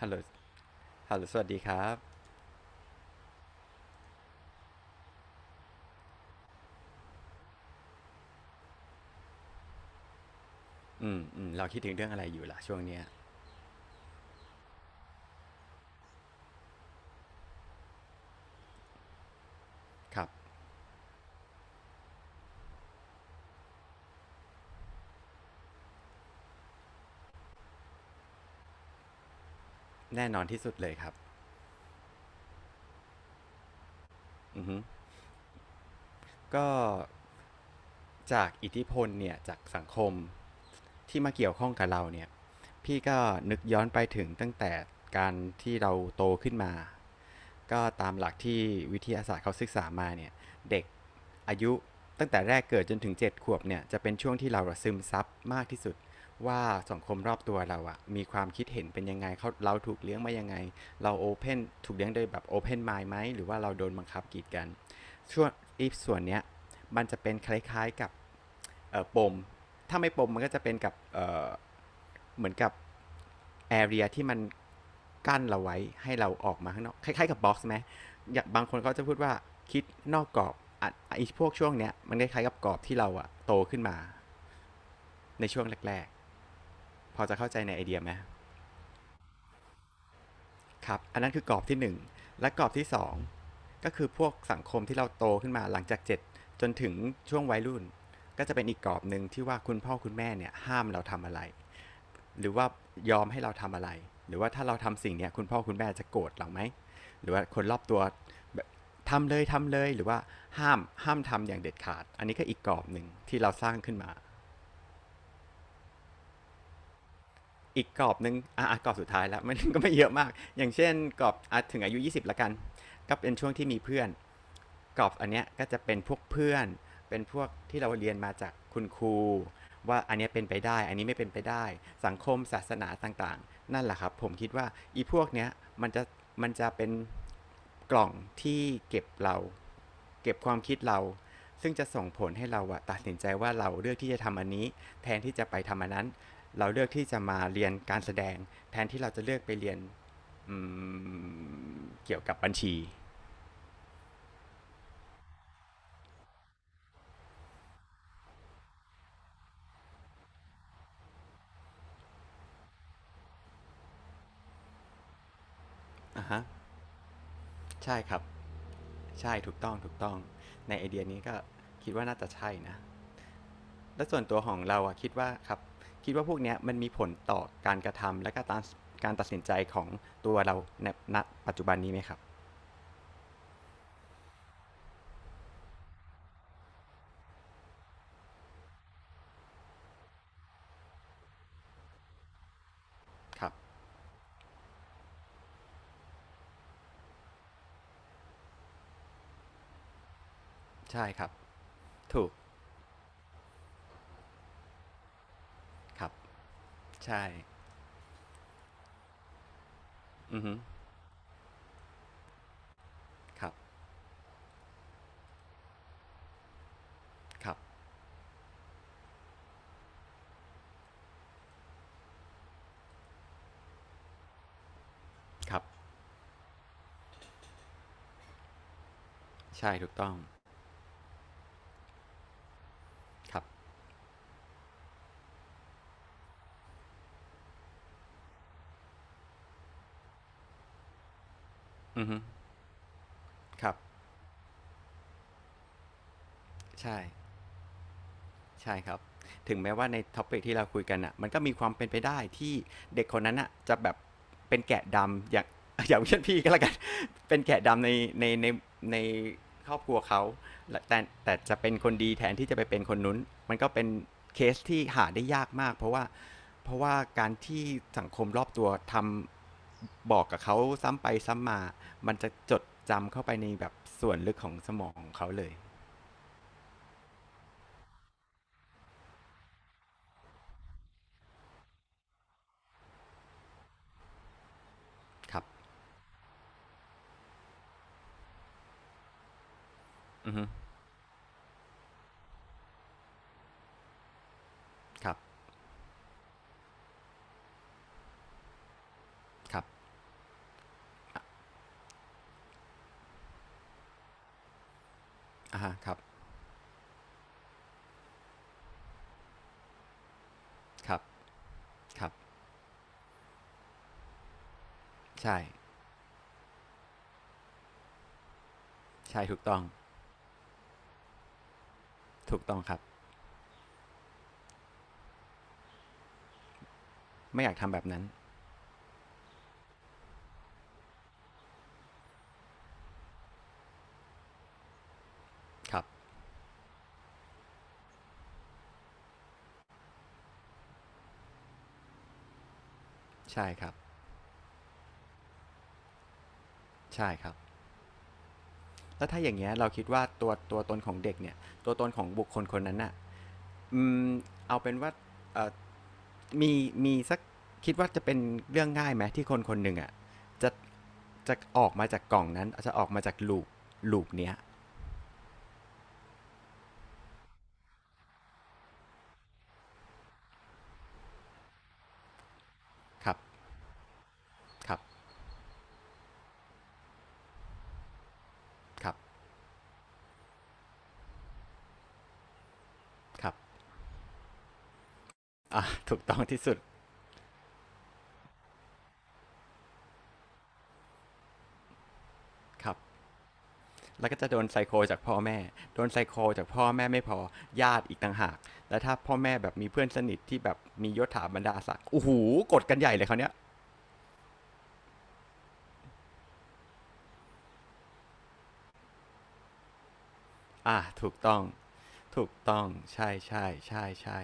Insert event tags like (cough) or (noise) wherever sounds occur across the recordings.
ฮัลโหลฮัลโหลสวัสดีครับเราคิดถึงเรื่องอะไรอยู่ล่ะช่วงเนี้ยครับ แน่นอนที่สุดเลยครับอือฮึก็จากอิทธิพลเนี่ยจากสังคมที่มาเกี่ยวข้องกับเราเนี่ย พี่ก็นึกย้อนไปถึงตั้งแต่การที่เราโตขึ้นมา ก็ตามหลักที่วิทยาศาสตร์เขาศึกษามาเนี่ยเด็กอายุตั้งแต่แรกเกิดจนถึงเจ็ดขวบเนี่ยจะเป็นช่วงที่เราซึมซับมากที่สุดว่าสังคมรอบตัวเราอะมีความคิดเห็นเป็นยังไงเขาเราถูกเลี้ยงมายังไงเราโอเพนถูกเลี้ยงโดยแบบโอเพนไมล์ไหมหรือว่าเราโดนบังคับกีดกัน ช่วงอีฟส่วนเนี้ยมันจะเป็นคล้ายๆกับปมถ้าไม่ปมมันก็จะเป็นกับเหมือนกับแอเรียที่มันกั้นเราไว้ให้เราออกมาข้างนอกคล้ายๆกับบ็อกซ์ไหมอย่างบางคนเขาจะพูดว่าคิดนอกกรอบอ่ะไอ้พวกช่วงเนี้ยมันคล้ายๆกับกรอบที่เราอะโตขึ้นมาในช่วงแรกๆพอจะเข้าใจในไอเดียไหม ครับอันนั้นคือกรอบที่หนึ่ง และกรอบที่สองก็คือพวกสังคมที่เราโตขึ้นมาหลังจากเจ็ดจนถึงช่วงวัยรุ่นก็จะเป็นอีกกรอบหนึ่งที่ว่าคุณพ่อคุณแม่เนี่ยห้ามเราทำอะไรหรือว่ายอมให้เราทำอะไรหรือว่าถ้าเราทำสิ่งเนี้ยคุณพ่อคุณแม่จะโกรธเราไหมหรือว่าคนรอบตัวแบบทำเลยทำเลยหรือว่าห้ามห้ามทำอย่างเด็ดขาดอันนี้ก็อีกกรอบหนึ่งที่เราสร้างขึ้นมาอีกกรอบหนึ่งอ่ะกรอบสุดท้ายแล้ว (laughs) มันก็ไม่เยอะมากอย่างเช่นกรอบถึงอายุยี่สิบละกันก็เป็นช่วงที่มีเพื่อน กรอบอันเนี้ยก็จะเป็นพวกเพื่อนเป็นพวกที่เราเรียนมาจากคุณครูว่าอันนี้เป็นไปได้อันนี้ไม่เป็นไปได้สังคมศาสนาต่างๆนั่นแหละครับผมคิดว่าอีพวกเนี้ยมันจะมันจะเป็นกล่องที่เก็บเราเก็บความคิดเราซึ่งจะส่งผลให้เราอะตัดสินใจว่าเราเลือกที่จะทำอันนี้แทนที่จะไปทำอันนั้นเราเลือกที่จะมาเรียนการแสดงแทนที่เราจะเลือกไปเรียนเกี่ยวกับบัญชีอ่ะฮะใช่ครับ ใช่ถูกต้องในไอเดียนี้ก็คิดว่าน่าจะใช่นะและส่วนตัวของเราอะคิดว่าครับคิดว่าพวกเนี้ยมันมีผลต่อการกระทำและก็การตัดสินใจของตัวเราในณปัจจุบันนี้ไหมครับครับใช่ครับถูกครับใช่อือฮึครับครับครับใช่ถูกต้องครับอือฮึครับใช่ ใช่ครับถึงแม้ว่าในท็อปิกที่เราคุยกันอ่ะมันก็มีความเป็นไปได้ที่เด็กคนนั้นอ่ะจะแบบเป็นแกะดำอย่าง (laughs) อย่างเช่นพี่ก็แล้วกัน (laughs) เป็นแกะดำในในในในครอบครัวเขาแต่แต่จะเป็นคนดีแทนที่จะไปเป็นคนนุ้นมันก็เป็นเคสที่หาได้ยากมากเพราะว่าการที่สังคมรอบตัวทำบอกกับเขาซ้ำไปซ้ำมามันจะจดจำเข้าไปในแบบส่วนลึกของสมองของเขาเลยครับอือฮึครับครับ อ่าฮะครับ ครับ ครับ ใช่ ใช่ถูกต้อง ถูกต้องครับ ไม่อยากทำแบบนั้น ครับ ใช่ครับ ใช่ครับ แล้วถ้าอย่างเงี้ยเราคิดว่าตัวตนของเด็กเนี่ย ตัวตนของบุคคลคนนั้นน่ะอืมเอาเป็นว่าเอ่อมีมีสักคิดว่าจะเป็นเรื่องง่ายไหมที่คนคนหนึ่งอ่ะจะ จะออกมาจากกล่องนั้น จะออกมาจากลูปเนี้ยครับครับครับครับอ่ะถูกต้องที่สุดครับ แล้วก็จะโดนไซโคจากพ่อแม่โดนไซโคจากพ่อแม่ไม่พอญาติอีกต่างหาก แล้วถ้าพ่อแม่แบบมีเพื่อนสนิทที่แบบมียศถาบรรดาศักดิ์โอ้โหกดกันใหญ่เลยเขาเนี้ยอ่ะถูกต้องถูกต้องใช่ใช่ใช่ใช่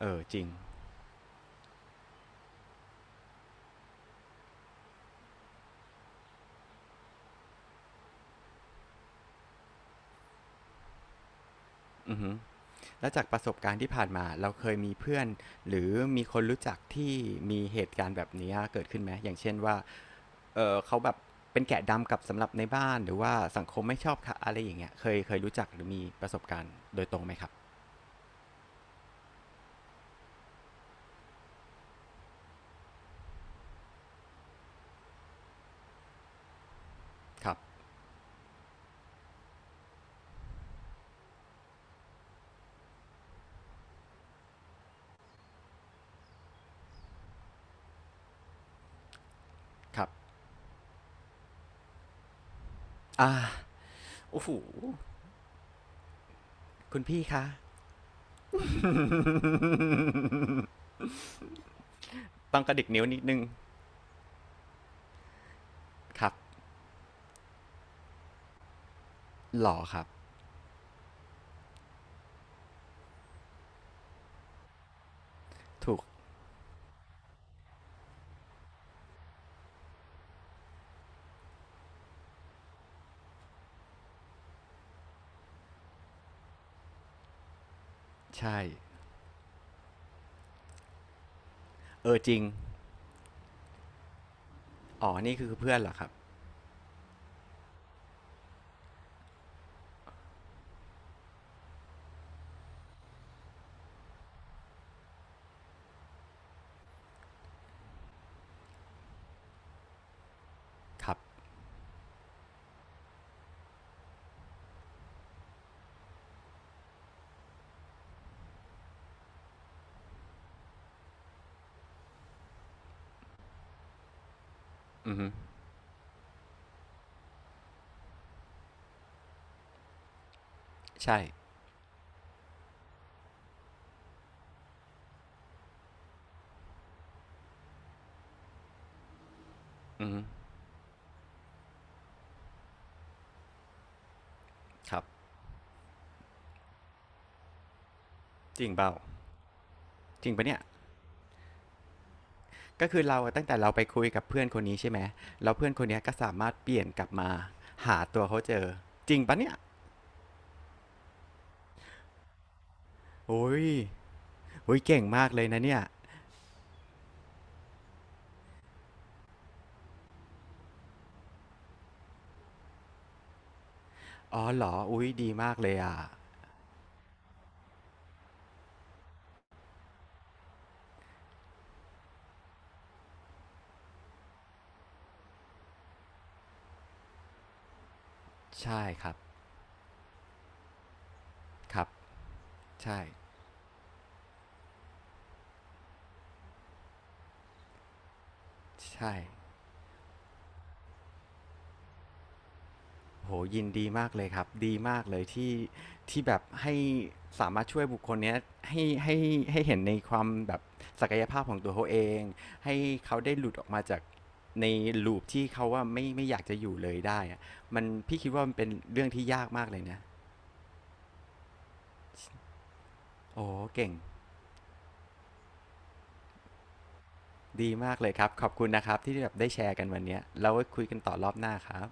เออจริงอือฮึแล้วจากประสบการณ์ที่ผ่านมาเราเคยมีเพื่อนหรือมีคนรู้จักที่มีเหตุการณ์แบบนี้เกิดขึ้นไหม อย่างเช่นว่าเออเขาแบบ เป็นแกะดำกับสำหรับในบ้าน หรือว่าสังคมไม่ชอบค่ะอะไรอย่างเงี้ยเคยรู้จักหรือมีประสบการณ์โดยตรงไหมครับ ครับครับอ่าโอ้โหคุณพี่คะ ต้องกระดิกนิ้วนิดนึง ครับหล่อครับถูกใช่ เออจริงอ๋อนี่คือเพื่อนเหรอครับครับอือฮึใช่ อือฮึครับ จริงเปล่าจริงปะเนี่ยก็คือเราตั้งแต่เราไปคุยกับเพื่อนคนนี้ใช่ไหมแล้วเพื่อนคนเนี้ยก็สามารถเปลี่ยนกลับมาหาตัวเขาเจอ จริงปะเนี่ยโอ้ยโอ้ยเก่งมากเลยนะเนี่ยอ๋อเหรออุ้ยดีมากเลยอ่ะใช่ครับครับใช่ใช่ โหยินดีมากเลยครับดีมากเลยที่ที่แบบให้สามารถช่วยบุคคลเนี้ยให้ให้ให้เห็นในความแบบศักยภาพของตัวเขาเองให้เขาได้หลุดออกมาจากในลูปที่เขาว่าไม่อยากจะอยู่เลยได้อะมันพี่คิดว่ามันเป็นเรื่องที่ยากมากเลยนะโอ้เก่งดีมากเลยครับขอบคุณนะครับที่แบบได้แชร์กันวันเนี้ยแล้วไว้คุยกันต่อรอบหน้าครับ